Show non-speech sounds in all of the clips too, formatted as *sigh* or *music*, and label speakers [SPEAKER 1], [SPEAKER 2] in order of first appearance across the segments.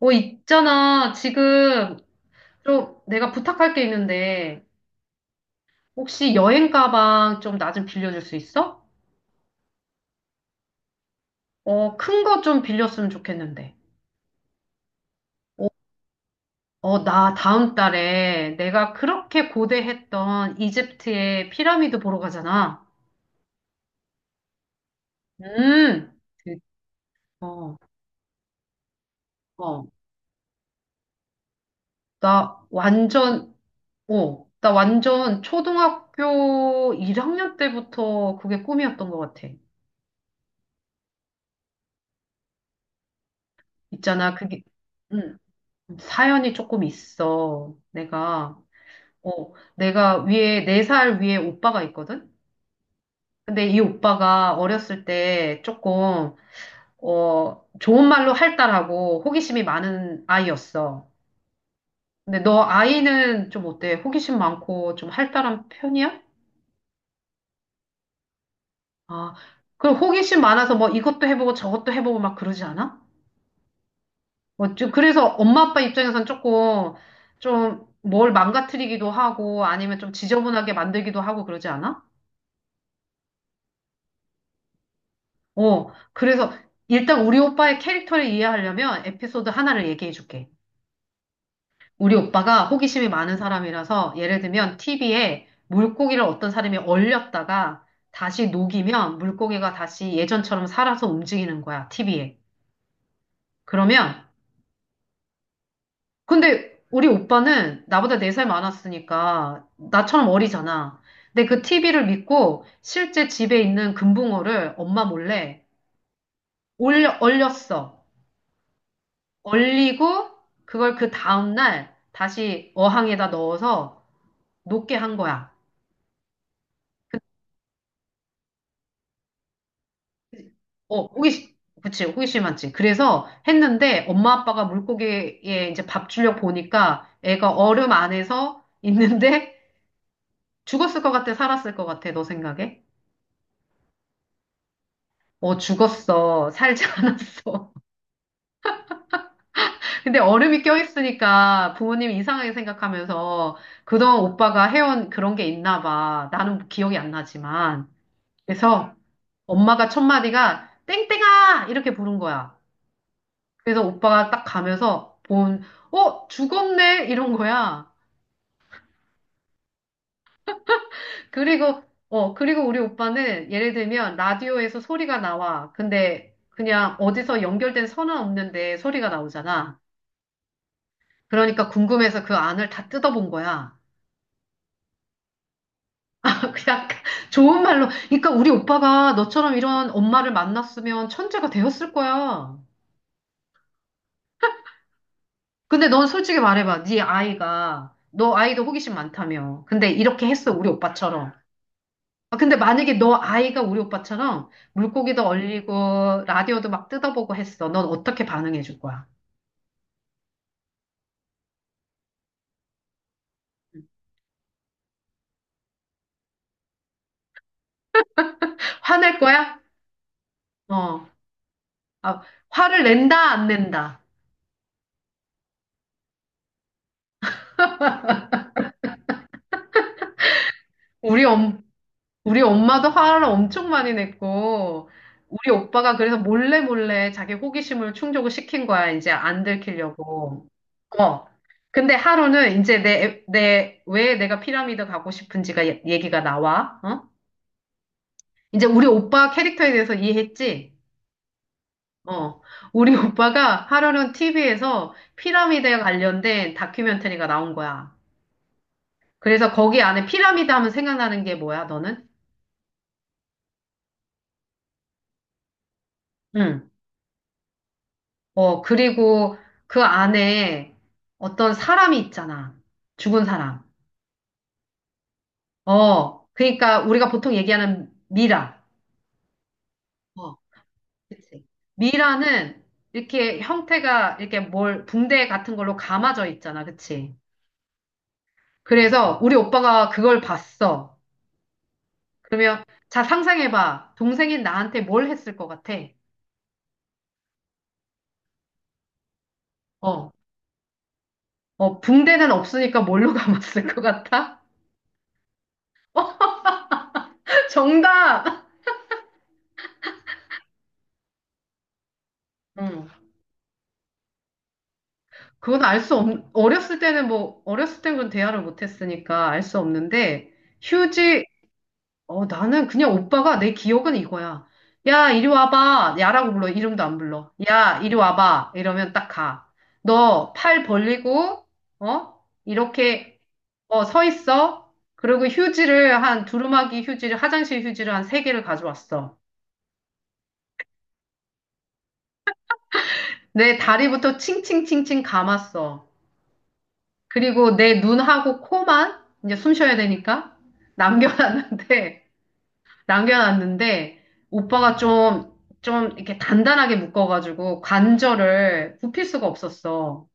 [SPEAKER 1] 있잖아. 지금 좀 내가 부탁할 게 있는데, 혹시 여행 가방 좀 나 좀 빌려줄 수 있어? 큰 거 좀 빌렸으면 좋겠는데. 어, 나 다음 달에 내가 그렇게 고대했던 이집트의 피라미드 보러 가잖아. 음, 그, 어, 어. 나 완전, 나 완전 초등학교 1학년 때부터 그게 꿈이었던 것 같아. 있잖아, 그게. 음. 사연이 조금 있어. 내가 위에, 4살 위에 오빠가 있거든? 근데 이 오빠가 어렸을 때 조금, 좋은 말로 할달하고 호기심이 많은 아이였어. 근데 너 아이는 좀 어때? 호기심 많고 좀 할달한 편이야? 아, 그럼 호기심 많아서 뭐 이것도 해보고 저것도 해보고 막 그러지 않아? 뭐, 좀 그래서 엄마 아빠 입장에선 조금, 좀 뭘 망가뜨리기도 하고 아니면 좀 지저분하게 만들기도 하고 그러지 않아? 그래서 일단 우리 오빠의 캐릭터를 이해하려면 에피소드 하나를 얘기해 줄게. 우리 오빠가 호기심이 많은 사람이라서 예를 들면 TV에 물고기를 어떤 사람이 얼렸다가 다시 녹이면 물고기가 다시 예전처럼 살아서 움직이는 거야, TV에. 그러면, 근데 우리 오빠는 나보다 4살 많았으니까 나처럼 어리잖아. 근데 그 TV를 믿고 실제 집에 있는 금붕어를 엄마 몰래 얼렸어. 얼리고 그걸 그 다음날 다시 어항에다 넣어서 녹게 한 거야. 어, 호기심, 그치, 호기심 많지. 그래서 했는데 엄마 아빠가 물고기에 이제 밥 주려고 보니까 애가 얼음 안에서 있는데 *laughs* 죽었을 것 같아, 살았을 것 같아, 너 생각에? 어, 죽었어. 살지 않았어. *laughs* 근데 얼음이 껴있으니까 부모님 이상하게 생각하면서 그동안 오빠가 해온 그런 게 있나 봐. 나는 기억이 안 나지만. 그래서 엄마가 첫 마디가 땡땡아! 이렇게 부른 거야. 그래서 오빠가 딱 가면서 죽었네? 이런 거야. 그리고, 그리고 우리 오빠는 예를 들면 라디오에서 소리가 나와. 근데 그냥 어디서 연결된 선은 없는데 소리가 나오잖아. 그러니까 궁금해서 그 안을 다 뜯어본 거야. *laughs* 그냥 좋은 말로. 그러니까 우리 오빠가 너처럼 이런 엄마를 만났으면 천재가 되었을 거야. 근데 넌 솔직히 말해봐. 너 아이도 호기심 많다며. 근데 이렇게 했어, 우리 오빠처럼. 아, 근데 만약에 너 아이가 우리 오빠처럼 물고기도 얼리고, 라디오도 막 뜯어보고 했어. 넌 어떻게 반응해 줄 거야? 화낼 거야? 어. 아, 화를 낸다, 안 낸다? 우리 엄, 우리 엄마도 화를 엄청 많이 냈고, 우리 오빠가 그래서 몰래 몰래 자기 호기심을 충족을 시킨 거야. 이제 안 들키려고. 어. 근데 하루는 이제 왜 내가 피라미드 가고 싶은지가 얘기가 나와. 어? 이제 우리 오빠 캐릭터에 대해서 이해했지? 어. 우리 *laughs* 오빠가 하루는 TV에서 피라미드에 관련된 다큐멘터리가 나온 거야. 그래서 거기 안에 피라미드 하면 생각나는 게 뭐야, 너는? 응. 그리고 그 안에 어떤 사람이 있잖아. 죽은 사람. 그러니까 우리가 보통 얘기하는 미라. 어, 그치. 미라는 이렇게 형태가 이렇게 뭘 붕대 같은 걸로 감아져 있잖아. 그치. 그래서 우리 오빠가 그걸 봤어. 그러면 자, 상상해봐. 동생인 나한테 뭘 했을 것 같아? 어, 붕대는 없으니까 뭘로 *laughs* 감았을 것 같아? *laughs* 정답! 응. 그건 알 수 없, 어렸을 때는 뭐, 어렸을 땐 그런 대화를 못 했으니까 알 수 없는데, 휴지, 나는 그냥 오빠가 내 기억은 이거야. 야, 이리 와봐. 야라고 불러. 이름도 안 불러. 야, 이리 와봐. 이러면 딱 가. 너 팔 벌리고, 어? 이렇게, 서 있어. 그리고 휴지를 한, 두루마기 휴지를, 화장실 휴지를 한 세 개를 가져왔어. 내 다리부터 칭칭칭칭 감았어. 그리고 내 눈하고 코만 이제 숨 쉬어야 되니까 남겨놨는데, *laughs* 남겨놨는데, 오빠가 좀 이렇게 단단하게 묶어가지고 관절을 굽힐 수가 없었어.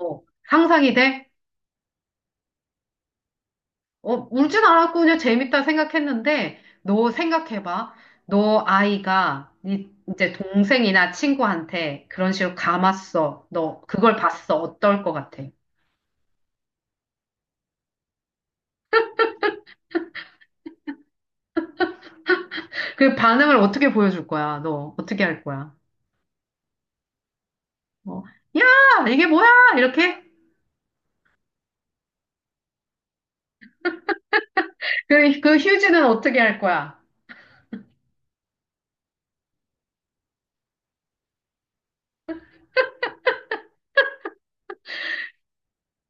[SPEAKER 1] 어, 상상이 돼? 울진 않았고 그냥 재밌다 생각했는데, 너 생각해봐. 너 아이가 이제 동생이나 친구한테 그런 식으로 감았어. 너 그걸 봤어. 어떨 것 같아? 그 반응을 어떻게 보여줄 거야? 너 어떻게 할 거야? 뭐, 야, 이게 뭐야? 이렇게? 그 휴지는 어떻게 할 거야?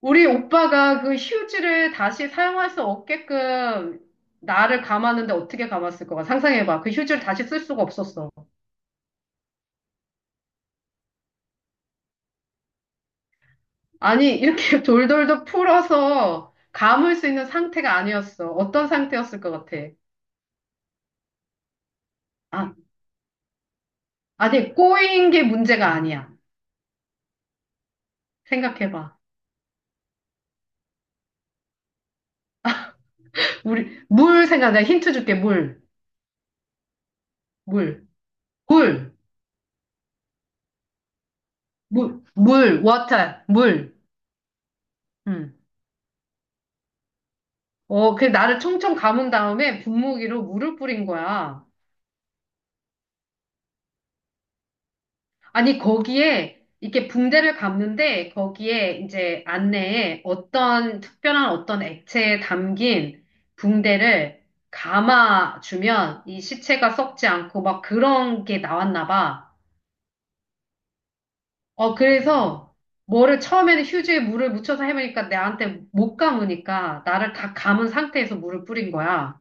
[SPEAKER 1] 우리 오빠가 그 휴지를 다시 사용할 수 없게끔 나를 감았는데 어떻게 감았을 거야? 상상해봐. 그 휴지를 다시 쓸 수가 없었어. 아니, 이렇게 *laughs* 돌돌돌 풀어서 감을 수 있는 상태가 아니었어. 어떤 상태였을 것 같아? 아, 아니, 꼬인 게 문제가 아니야. 생각해봐. 물 생각, 내가 힌트 줄게. 물, 물, 물, 물, 물, 워터, 물. 음. 그 나를 총총 감은 다음에 분무기로 물을 뿌린 거야. 아니, 거기에 이렇게 붕대를 감는데 거기에 이제 안내에 어떤 특별한 어떤 액체에 담긴 붕대를 감아주면 이 시체가 썩지 않고 막 그런 게 나왔나 봐. 그래서 뭐를 처음에는 휴지에 물을 묻혀서 해보니까 내한테 못 감으니까 나를 다 감은 상태에서 물을 뿌린 거야.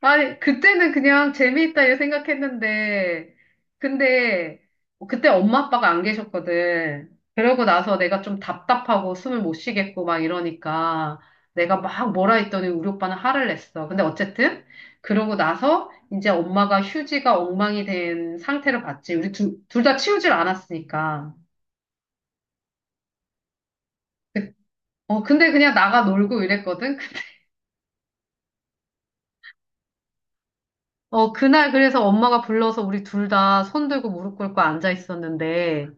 [SPEAKER 1] 아니, 그때는 그냥 재미있다 이렇게 생각했는데, 근데 그때 엄마 아빠가 안 계셨거든. 그러고 나서 내가 좀 답답하고 숨을 못 쉬겠고 막 이러니까 내가 막 뭐라 했더니 우리 오빠는 화를 냈어. 근데 어쨌든 그러고 나서 이제 엄마가 휴지가 엉망이 된 상태를 봤지. 우리 둘 다 치우질 않았으니까. 근데 그냥 나가 놀고 이랬거든. 그날 그래서 엄마가 불러서 우리 둘 다 손 들고 무릎 꿇고 앉아 있었는데,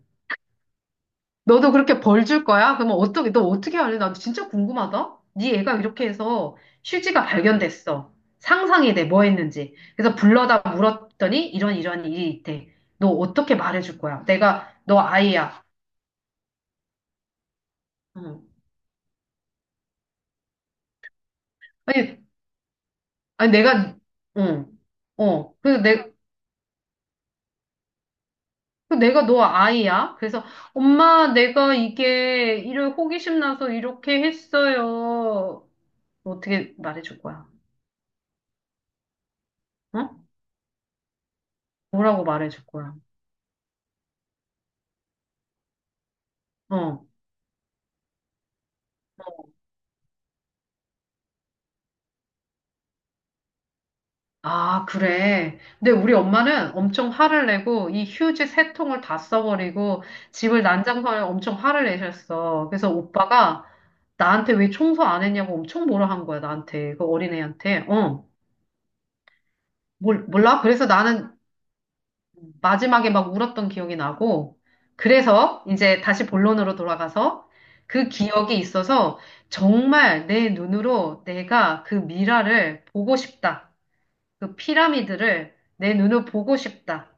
[SPEAKER 1] 너도 그렇게 벌 줄 거야? 그러면 어떻게, 너 어떻게 할래? 나 진짜 궁금하다. 네 애가 이렇게 해서 휴지가 발견됐어. 상상이 돼, 뭐 했는지. 그래서 불러다 물었더니 이런 이런 일이 있대. 너 어떻게 말해줄 거야? 내가 너 아이야. 응. 아니, 아니 내가, 응, 어. 그래서 내, 그 내가 너 아이야. 그래서 엄마, 내가 이게 이런 호기심 나서 이렇게 했어요. 어떻게 말해줄 거야? 응? 뭐라고 말해줄 거야? 어. 아, 그래. 근데 우리 엄마는 엄청 화를 내고 이 휴지 세 통을 다 써버리고 집을 난장판에 엄청 화를 내셨어. 그래서 오빠가 나한테 왜 청소 안 했냐고 엄청 뭐라 한 거야, 나한테. 그 어린애한테. 몰라? 그래서 나는 마지막에 막 울었던 기억이 나고, 그래서 이제 다시 본론으로 돌아가서 그 기억이 있어서 정말 내 눈으로 내가 그 미라를 보고 싶다. 그 피라미드를 내 눈으로 보고 싶다.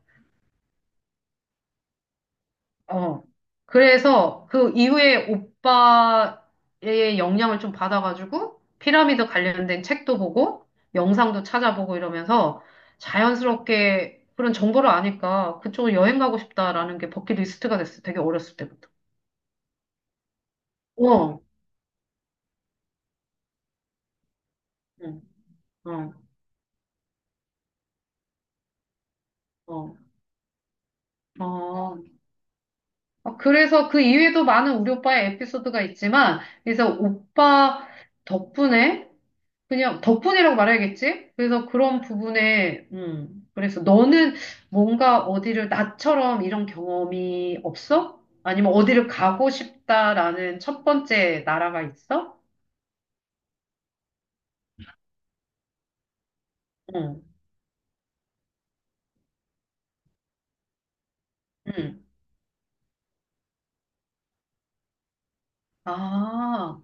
[SPEAKER 1] 어. 그래서 그 이후에 오빠의 영향을 좀 받아가지고 피라미드 관련된 책도 보고 영상도 찾아보고 이러면서 자연스럽게 그런 정보를 아니까 그쪽으로 여행 가고 싶다라는 게 버킷리스트가 됐어. 되게 어렸을 때부터. 어. 응. 어. 어. 어. 그래서 그 이후에도 많은 우리 오빠의 에피소드가 있지만 그래서 오빠 덕분에 그냥 덕분이라고 말해야겠지? 그래서 그런 부분에, 그래서 너는 뭔가 어디를 나처럼 이런 경험이 없어? 아니면 어디를 가고 싶다라는 첫 번째 나라가 있어? 응, 응. 아,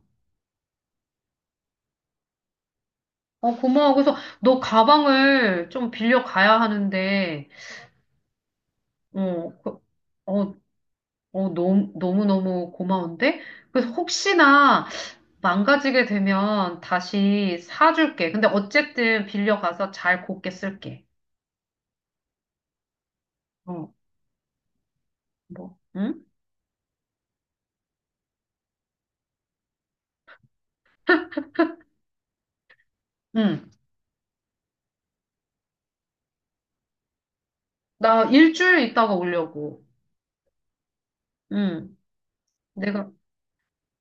[SPEAKER 1] 고마워. 그래서 너 가방을 좀 빌려 가야 하는데, 어, 그- 어, 너무, 너무너무 고마운데? 그래서 혹시나, 망가지게 되면 다시 사줄게. 근데 어쨌든 빌려가서 잘 곱게 쓸게. 어, 뭐, 응? 응. 나 일주일 있다가 오려고. 응. 내가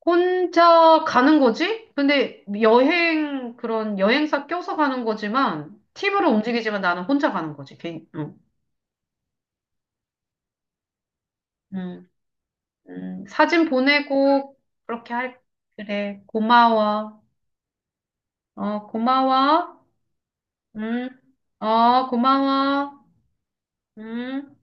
[SPEAKER 1] 혼자 가는 거지? 근데 그런 여행사 껴서 가는 거지만, 팀으로 움직이지만 나는 혼자 가는 거지. 개인, 응. 응. 응. 사진 보내고, 그렇게 할, 그래. 고마워. 고마워. 응. 고마워. 응.